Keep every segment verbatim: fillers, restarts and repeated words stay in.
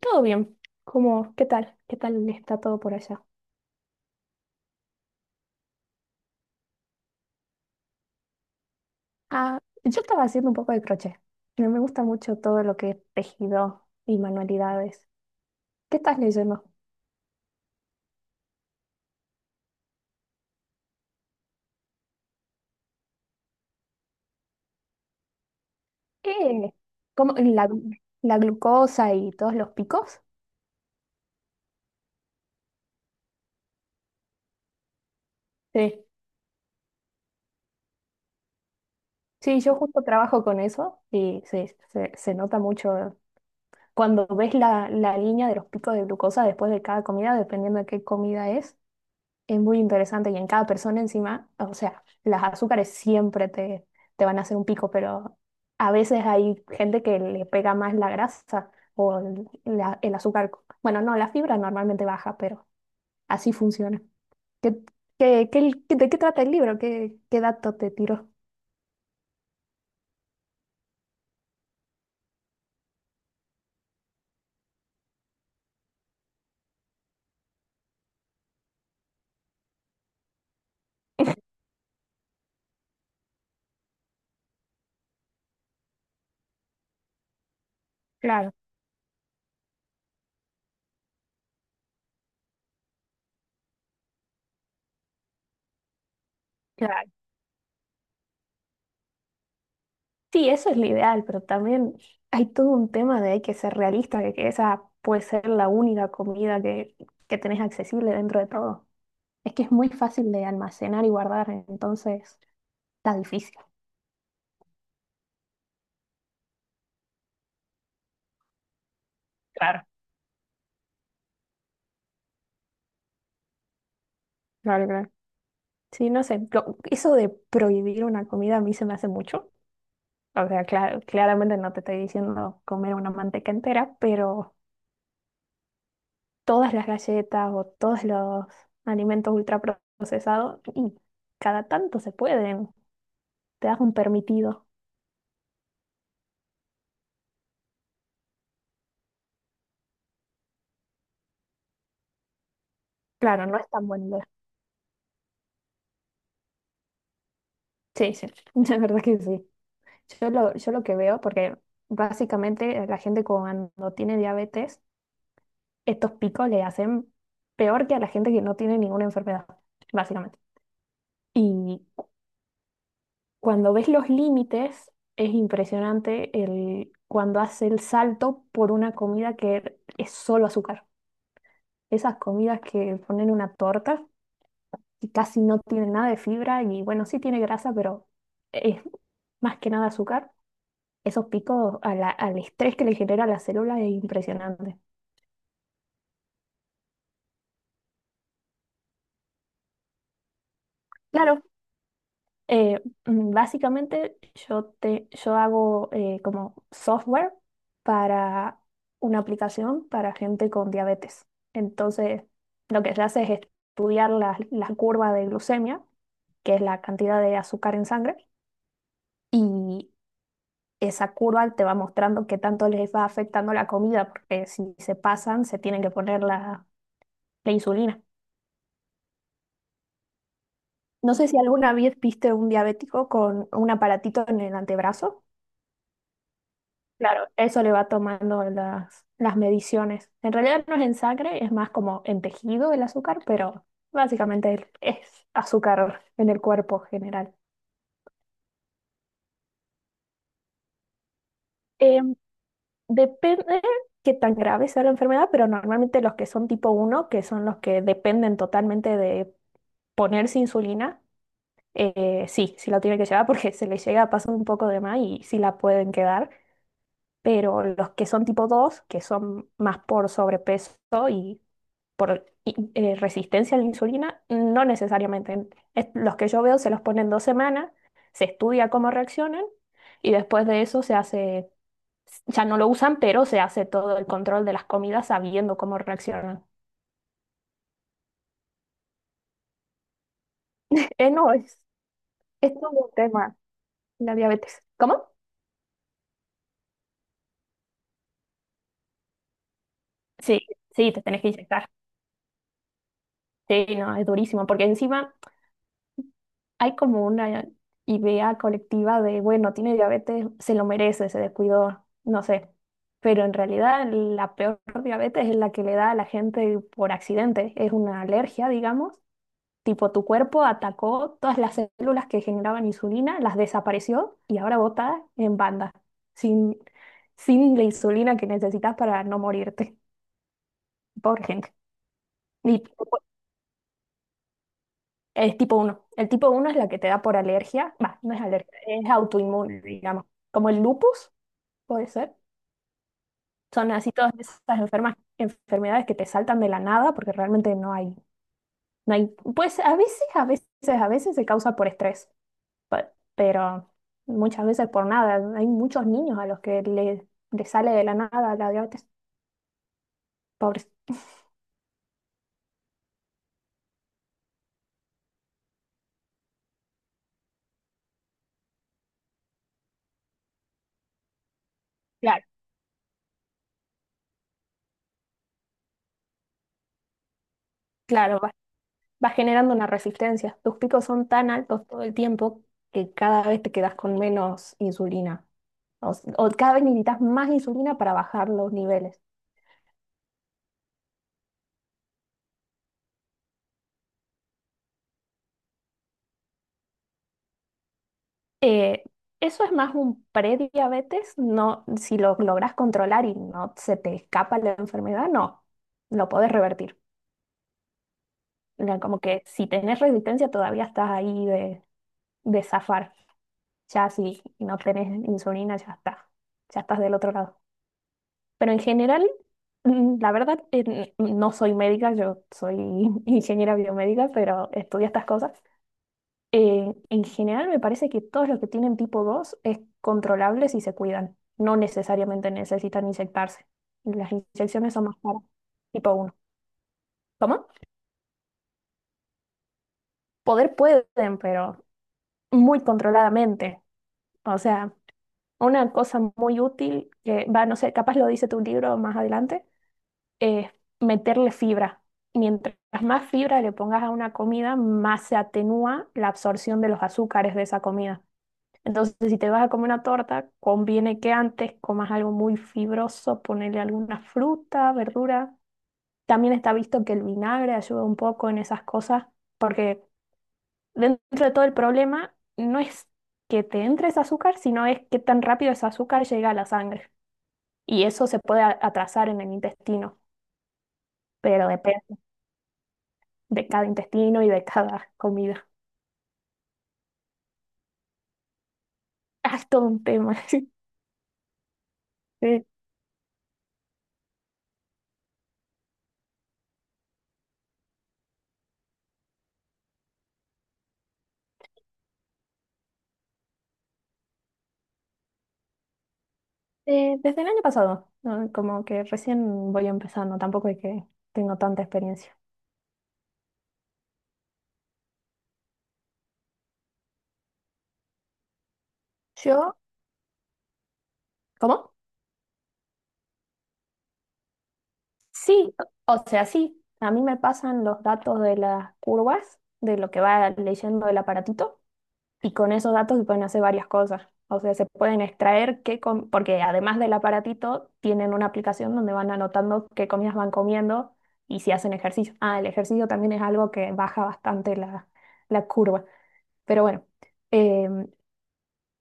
Todo bien. ¿Cómo, qué tal? ¿Qué tal está todo por allá? Ah, yo estaba haciendo un poco de crochet. Me me gusta mucho todo lo que es tejido y manualidades. ¿Qué estás leyendo? Eh, ¿cómo, la, glu- la glucosa y todos los picos? Sí. Sí, yo justo trabajo con eso y sí, se, se nota mucho cuando ves la, la línea de los picos de glucosa después de cada comida, dependiendo de qué comida es. Es muy interesante y en cada persona encima, o sea, las azúcares siempre te, te van a hacer un pico, pero a veces hay gente que le pega más la grasa o el, la- el azúcar. Bueno, no, la fibra normalmente baja, pero así funciona. ¿Qué, qué- qué- qué- de qué trata el libro? ¿Qué, qué dato te tiró? Claro, claro. Sí, eso es lo ideal, pero también hay todo un tema de hay que ser realista, de que esa puede ser la única comida que, que tenés accesible dentro de todo. Es que es muy fácil de almacenar y guardar, entonces está difícil. Claro. Claro, claro. Sí, no sé, lo- eso de prohibir una comida a mí se me hace mucho. O sea, cla- claramente no te estoy diciendo comer una manteca entera, pero todas las galletas o todos los alimentos ultraprocesados, y cada tanto se pueden, te das un permitido. Claro, no es tan buena idea. Sí, sí, la verdad que sí. Yo lo, yo lo que veo, porque básicamente la gente cuando tiene diabetes estos picos le hacen peor que a la gente que no tiene ninguna enfermedad, básicamente. Y cuando ves los límites, es impresionante el, cuando hace el salto por una comida que es solo azúcar. Esas comidas que ponen una torta y casi no tienen nada de fibra y bueno, sí tiene grasa, pero es más que nada azúcar. Esos picos a la- al estrés que le genera a la célula es impresionante. Claro. Eh, mm, básicamente yo, te, yo hago eh, como software para una aplicación para gente con diabetes. Entonces, lo que se hace es estudiar la, la curva de glucemia, que es la cantidad de azúcar en sangre, y esa curva te va mostrando qué tanto les va afectando la comida, porque si se pasan, se tienen que poner la, la insulina. No sé si alguna vez viste un diabético con un aparatito en el antebrazo. Claro, eso le va tomando las, las mediciones. En realidad no es en sangre, es más como en tejido el azúcar, pero básicamente es azúcar en el cuerpo general. Eh, depende qué tan grave sea la enfermedad, pero normalmente los que son tipo uno, que son los que dependen totalmente de ponerse insulina, eh, sí, sí la tienen que llevar porque se les llega a pasar un poco de más y sí la pueden quedar, pero los que son tipo dos, que son más por sobrepeso y por i- eh, resistencia a la insulina, no necesariamente. Es- Los que yo veo se los ponen dos semanas, se estudia cómo reaccionan y después de eso se hace, ya no lo usan, pero se hace todo el control de las comidas sabiendo cómo reaccionan. Eh, no, es, es todo un tema, la diabetes. ¿Cómo? Sí, sí, te tenés que inyectar. Sí, no, es durísimo, porque encima hay como una idea colectiva de, bueno, tiene diabetes, se lo merece, se descuidó, no sé. Pero en realidad la peor diabetes es la que le da a la gente por accidente. Es una alergia, digamos. Tipo, tu cuerpo atacó todas las células que generaban insulina, las desapareció y ahora bota en banda, sin, sin la insulina que necesitas para no morirte. Pobre gente. Y Es tipo uno. El tipo uno es la que te da por alergia. Va, no es alergia, es autoinmune, digamos. Como el lupus, puede ser. Son así todas esas enfermas, enfermedades que te saltan de la nada porque realmente no hay, no hay. Pues a veces, a veces, a veces se causa por estrés, pe- pero muchas veces por nada. Hay muchos niños a los que le, le sale de la nada la diabetes. Pobres. Claro, claro, va, va generando una resistencia. Tus picos son tan altos todo el tiempo que cada vez te quedas con menos insulina. O, s- o cada vez necesitas más insulina para bajar los niveles. Eh, eso es más un prediabetes, no, si lo logras controlar y no se te escapa la enfermedad, no, lo podés revertir. Era Como que si tenés resistencia todavía estás ahí de, de zafar. Ya si no tenés insulina, ya está, ya estás del otro lado. Pero en general, mm, la verdad, eh, n- no soy médica, yo soy ingeniera biomédica, pero estudio estas cosas. Eh, en general me parece que todos los que tienen tipo dos es controlable si se cuidan. No necesariamente necesitan inyectarse. Las inyecciones son más caras, tipo uno. ¿Cómo? Poder pueden, pero muy controladamente. O sea, una cosa muy útil que va, no sé, capaz lo dice tu libro más adelante, es meterle fibra. Mientras más fibra le pongas a una comida, más se atenúa la absorción de los azúcares de esa comida. Entonces, si te vas a comer una torta, conviene que antes comas algo muy fibroso, ponerle alguna fruta, verdura. También está visto que el vinagre ayuda un poco en esas cosas, porque dentro de todo el problema no es que te entre ese azúcar, sino es que tan rápido ese azúcar llega a la sangre. Y eso se puede a- atrasar en el intestino, pero depende de cada intestino y de cada comida. Ah, es todo un tema. Sí. Eh, desde el año pasado, ¿no? Como que recién voy empezando, tampoco es que tengo tanta experiencia. Yo, ¿cómo? Sí, o o sea, sí, a mí me pasan los datos de las curvas, de lo que va leyendo el aparatito, y con esos datos se pueden hacer varias cosas. O sea, se pueden extraer qué, com- porque además del aparatito, tienen una aplicación donde van anotando qué comidas van comiendo y si hacen ejercicio. Ah, el ejercicio también es algo que baja bastante la, la curva. Pero bueno. em,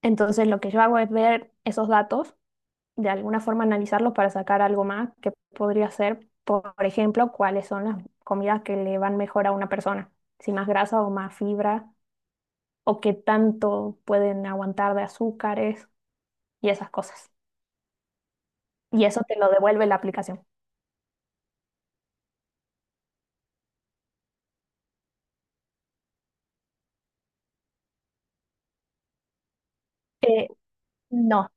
Entonces, lo que yo hago es ver esos datos, de alguna forma analizarlos para sacar algo más que podría ser, por ejemplo, cuáles son las comidas que le van mejor a una persona, si más grasa o más fibra, o qué tanto pueden aguantar de azúcares y esas cosas. Y eso te lo devuelve la aplicación. Eh, no,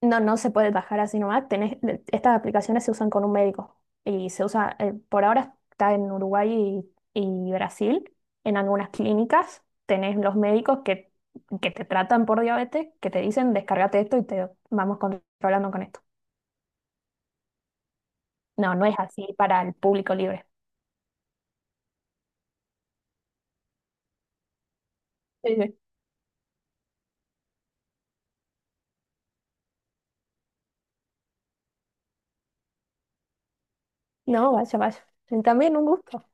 No, no se puede bajar así nomás. Tenés, le- estas aplicaciones se usan con un médico y se usa, eh, por ahora está en Uruguay y, y Brasil. En algunas clínicas tenés los médicos que, que te tratan por diabetes, que te dicen descárgate esto y te vamos controlando con esto. No, no es así para el público libre. Sí, sí. No, vaya, vaya. También un gusto.